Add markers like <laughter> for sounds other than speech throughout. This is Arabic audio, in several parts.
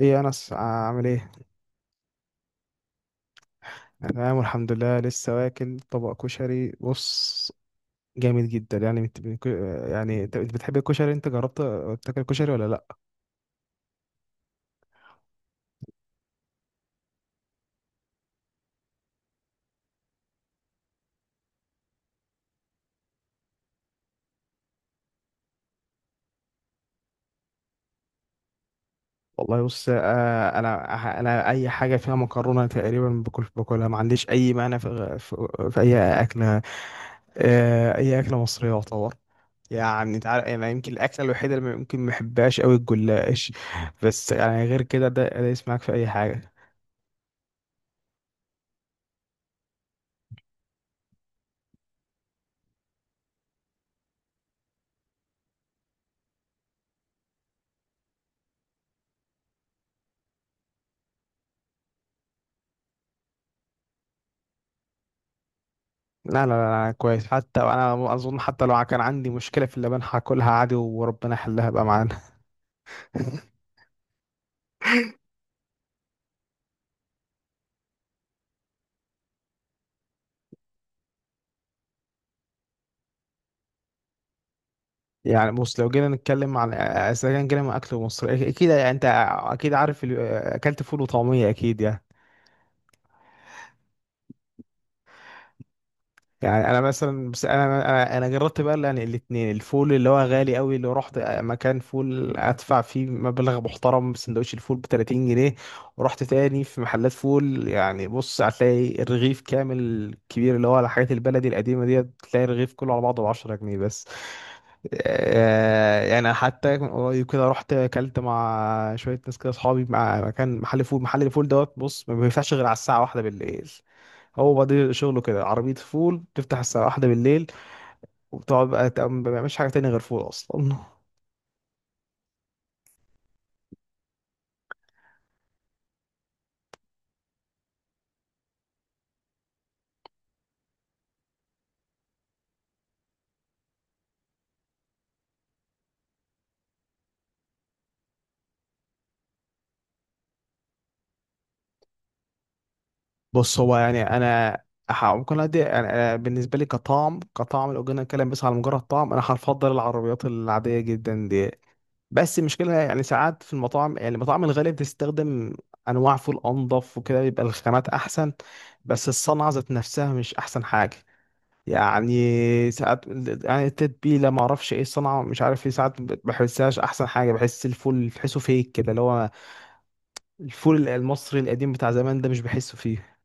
ايه يا انس، عامل ايه؟ أنا تمام والحمد لله، لسه واكل طبق كشري. بص، جامد جدا. يعني يعني انت بتحب الكشري؟ انت جربت تاكل كشري ولا لا؟ والله بص، انا اي حاجه فيها مكرونه تقريبا باكل باكلها، ما عنديش اي مانع في اي اكله. اي اكله مصريه يعتبر. يعني انت عارف، يعني يمكن الاكله الوحيده اللي ممكن ما احبهاش قوي الجلاش، بس يعني غير كده. ده يسمعك في اي حاجه. لا لا لا، كويس. حتى انا اظن حتى لو كان عندي مشكله في اللبان هاكلها عادي وربنا يحلها بقى معانا. <laughs> يعني بص، لو جينا نتكلم عن، اذا كان جينا من اكل مصر، اكيد انت اكيد عارف اكلت فول وطعميه اكيد يعني. يعني انا مثلا، بس انا جربت بقى يعني الاثنين. الفول اللي هو غالي قوي اللي رحت مكان فول ادفع فيه مبلغ محترم، سندوتش الفول ب 30 جنيه، ورحت تاني في محلات فول، يعني بص هتلاقي الرغيف كامل كبير اللي هو الحاجات البلدي القديمه ديت، تلاقي الرغيف كله على بعضه ب 10 جنيه بس. يعني حتى من قريب كده رحت اكلت مع شويه ناس كده اصحابي، مع مكان محل فول، محل الفول دوت. بص، ما بيفتحش غير على الساعه واحدة بالليل. هو بقى شغله كده عربية فول، تفتح الساعة واحدة بالليل وبتقعد بقى ما بيعملش حاجة تانية غير فول أصلا. بص، هو يعني أنا ممكن أدي، يعني أنا بالنسبة لي كطعم، كطعم لو جينا نتكلم بس على مجرد طعم، أنا هفضل العربيات العادية جدا دي. بس المشكلة يعني ساعات في المطاعم، يعني المطاعم الغالية بتستخدم أنواع فول أنظف وكده، بيبقى الخامات أحسن، بس الصنعة ذات نفسها مش أحسن حاجة. يعني ساعات يعني التتبيله ما اعرفش ايه الصنعه، مش عارف ايه، ساعات ما بحسهاش احسن حاجه، بحس الفول تحسه فيك كده اللي هو الفول المصري القديم بتاع زمان، ده مش بحسه فيه.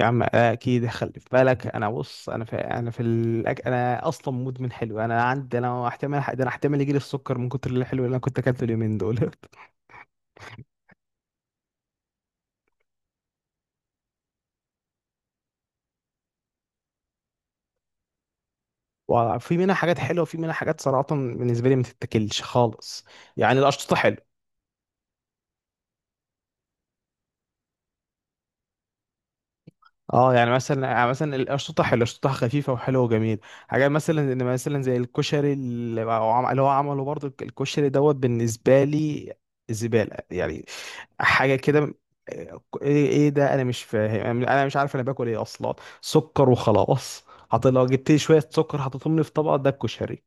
يا عم اكيد، خلي في بالك. انا بص، انا انا اصلا مدمن حلو، انا عندي انا احتمال، ده انا احتمال يجي لي السكر من كتر الحلو اللي انا كنت اكلته اليومين دول. <laughs> وفي منها حاجات حلوه وفي منها حاجات صراحه بالنسبه لي ما تتاكلش خالص. يعني القشطه حلوه. اه يعني مثلا، يعني مثلا الاشطه حلوه، الاشطه خفيفه وحلوه وجميل. حاجات مثلا، ان مثلا زي الكشري اللي هو اللي هو عمله برضو، الكشري دوت بالنسبه لي زباله يعني، حاجه كده. إيه ده؟ انا مش فاهم، انا مش عارف انا باكل ايه اصلا. سكر وخلاص. حط، لو جبت لي شويه سكر حطيتهم لي في طبق، ده الكشري.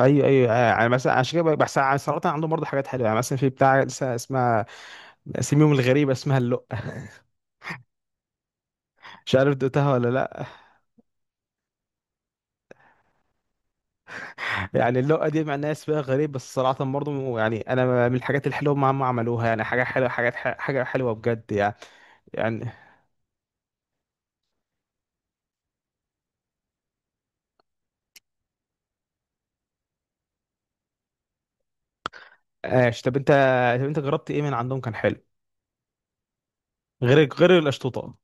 ايوه ايوه، يعني مثلا عشان كده بحس. صراحه عندهم برضه حاجات حلوه، يعني مثلا في بتاع لسه اسمها، اسميهم الغريبه، اسمها اللقه. مش عارف دقتها ولا لا؟ يعني اللقطة دي مع الناس بقى غريب، بس صراحة برضه يعني أنا من الحاجات الحلوة ما هم عملوها، يعني حاجة حلوة، حاجة حلوة بجد يعني. يعني ايش، طب أنت، طب أنت جربت إيه من عندهم كان حلو غير، غير الأشطوطة؟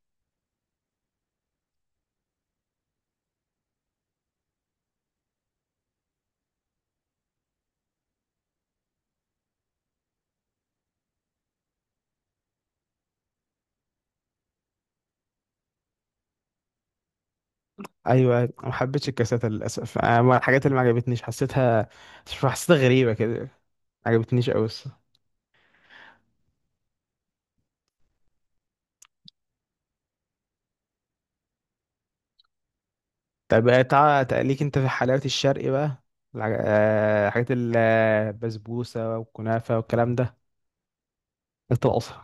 أيوه، ما حبيتش الكاساتة للأسف، أنا من الحاجات اللي ما عجبتنيش، حسيتها، حسيتها غريبة كده، ما عجبتنيش أوي الصراحة. طب تقليك أنت في حلاوة الشرق بقى، حاجات البسبوسة والكنافة والكلام ده؟ أنت الأصل.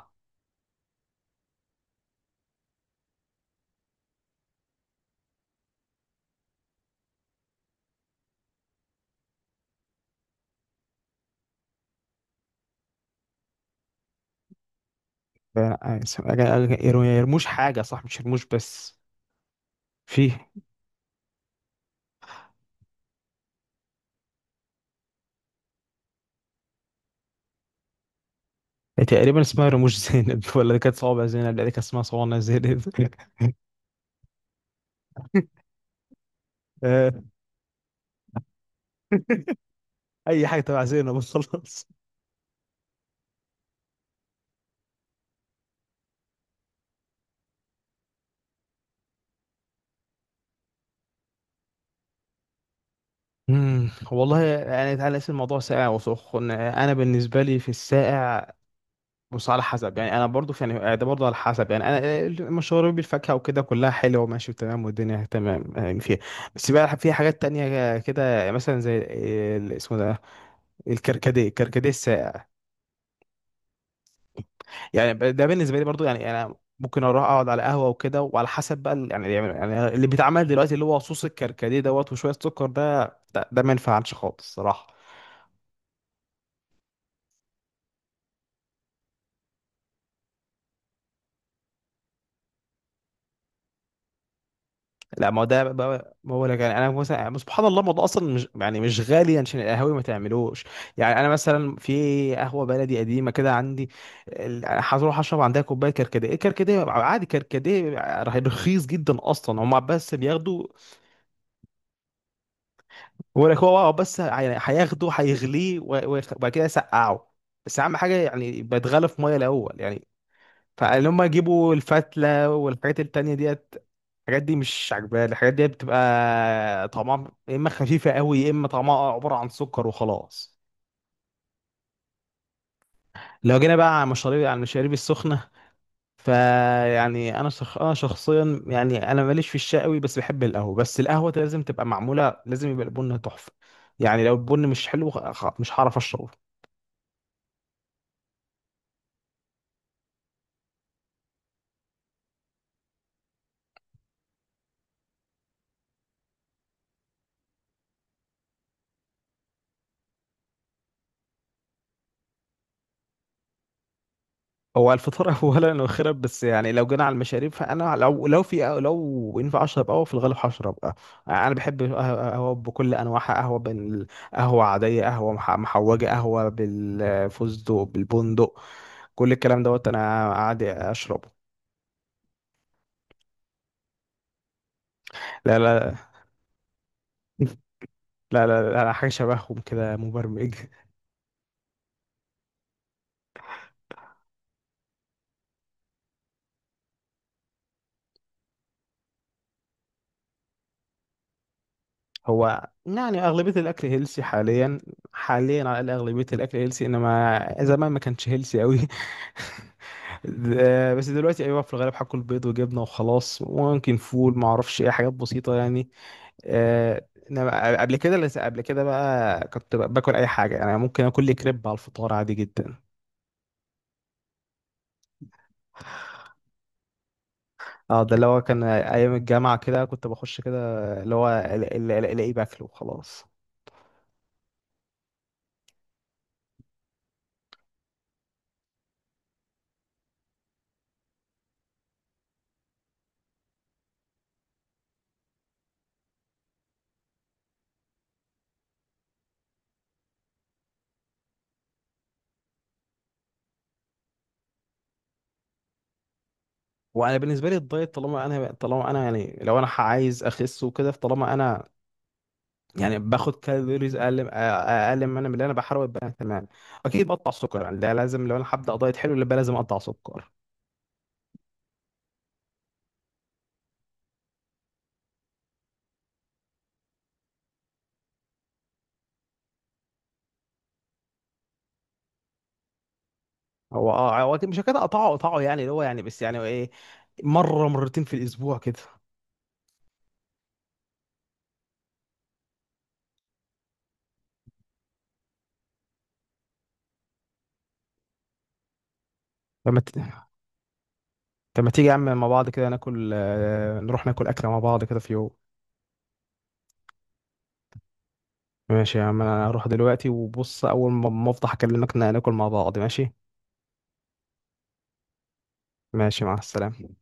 لا، يرموش حاجة صح، مش يرموش بس، فيه تقريبا اسمها رموش زينب. <laughs> ولا دي كانت صوابع زينب؟ لا دي كانت اسمها صوانع زينب. <laughs> آه، أي حاجة تبع زينب وخلاص. والله يعني، تعالى نقسم الموضوع ساقع وسخن. انا بالنسبه لي في الساقع، بص على حسب. يعني انا برضو في يعني، ده برضو على حسب. يعني انا مشروبي بالفاكهه وكده كلها حلوه وماشي تمام والدنيا تمام يعني فيها. بس بقى في حاجات تانية كده يعني مثلا زي اسمه ده، الكركديه، الكركديه الساقع يعني. ده بالنسبه لي برضو يعني، يعني انا ممكن اروح اقعد على قهوه وكده، وعلى حسب بقى يعني اللي بيتعمل دلوقتي اللي هو صوص الكركديه دوت وشويه سكر، ده ده ما ينفعش خالص صراحه. لا ما هو ده بقى، ما هو لك يعني انا مثلا، يعني سبحان الله الموضوع اصلا مش يعني مش غالي، عشان القهاوي ما تعملوش. يعني انا مثلا في قهوه بلدي قديمه كده عندي، هروح اشرب عندها كوبايه كركديه، الكركديه عادي، كركديه رخيص جدا اصلا، هم بس بياخدوا. هو لك، هو بقى، بس هياخده هيغليه وبعد كده يسقعه، بس اهم حاجه يعني يبقى يتغلى في ميه الاول يعني. فان هم يجيبوا الفتله والحاجات التانية ديت، الحاجات دي مش عجباني، الحاجات دي بتبقى طعمها يا اما خفيفه قوي، يا اما طعمها عباره عن سكر وخلاص. لو جينا بقى على المشاريب، على المشاريب السخنه، فيعني انا انا شخصيا يعني، انا ماليش في الشاي قوي، بس بحب القهوه، بس القهوه لازم تبقى معموله، لازم يبقى البن تحفه. يعني لو البن مش حلو مش هعرف اشربه. هو الفطار <laughs> اولا واخيرا، بس يعني لو جينا على المشاريب فانا لو، لو في لو ينفع اشرب قهوه في الغالب هشرب قهوه. انا بحب قهوه بكل انواعها. قهوه بين، قهوه عاديه، قهوه محوجه، قهوه بالفستق بالبندق، كل الكلام دوت انا عادي اشربه. لا لا. <laughs> لا، حاجه شبههم كده، مبرمج. هو يعني أغلبية الأكل هيلسي حاليا، حاليا على الأقل أغلبية الأكل هيلسي، إنما زمان ما كانش هيلسي أوي. <laughs> بس دلوقتي أيوة، في الغالب هاكل بيض وجبنة وخلاص، وممكن فول، ما أعرفش إيه، حاجات بسيطة يعني. إنما قبل كده قبل كده بقى كنت باكل أي حاجة، يعني ممكن آكل لي كريب على الفطار عادي جدا. اه ده اللي هو كان أيام الجامعة كده، كنت بخش كده اللي هو ألاقيه باكله وخلاص. وانا بالنسبه لي الدايت، طالما انا، طالما انا يعني لو انا عايز اخس وكده، فطالما انا يعني باخد كالوريز اقل، اقل من اللي انا بحاول ابقى تمام، اكيد بقطع سكر، يعني ده لازم لو انا هبدا دايت حلو يبقى لازم اقطع سكر. هو اه، هو أكيد مش كده اقطعه اقطعه، يعني اللي هو يعني بس يعني ايه، مره مرتين في الاسبوع كده. لما ت... لما تيجي يا عم مع بعض كده ناكل، نروح ناكل اكله مع بعض كده في يوم. ماشي يا عم، انا هروح دلوقتي وبص، اول ما افضح اكلمك ناكل مع بعض، ماشي. ماشي، مع السلامه.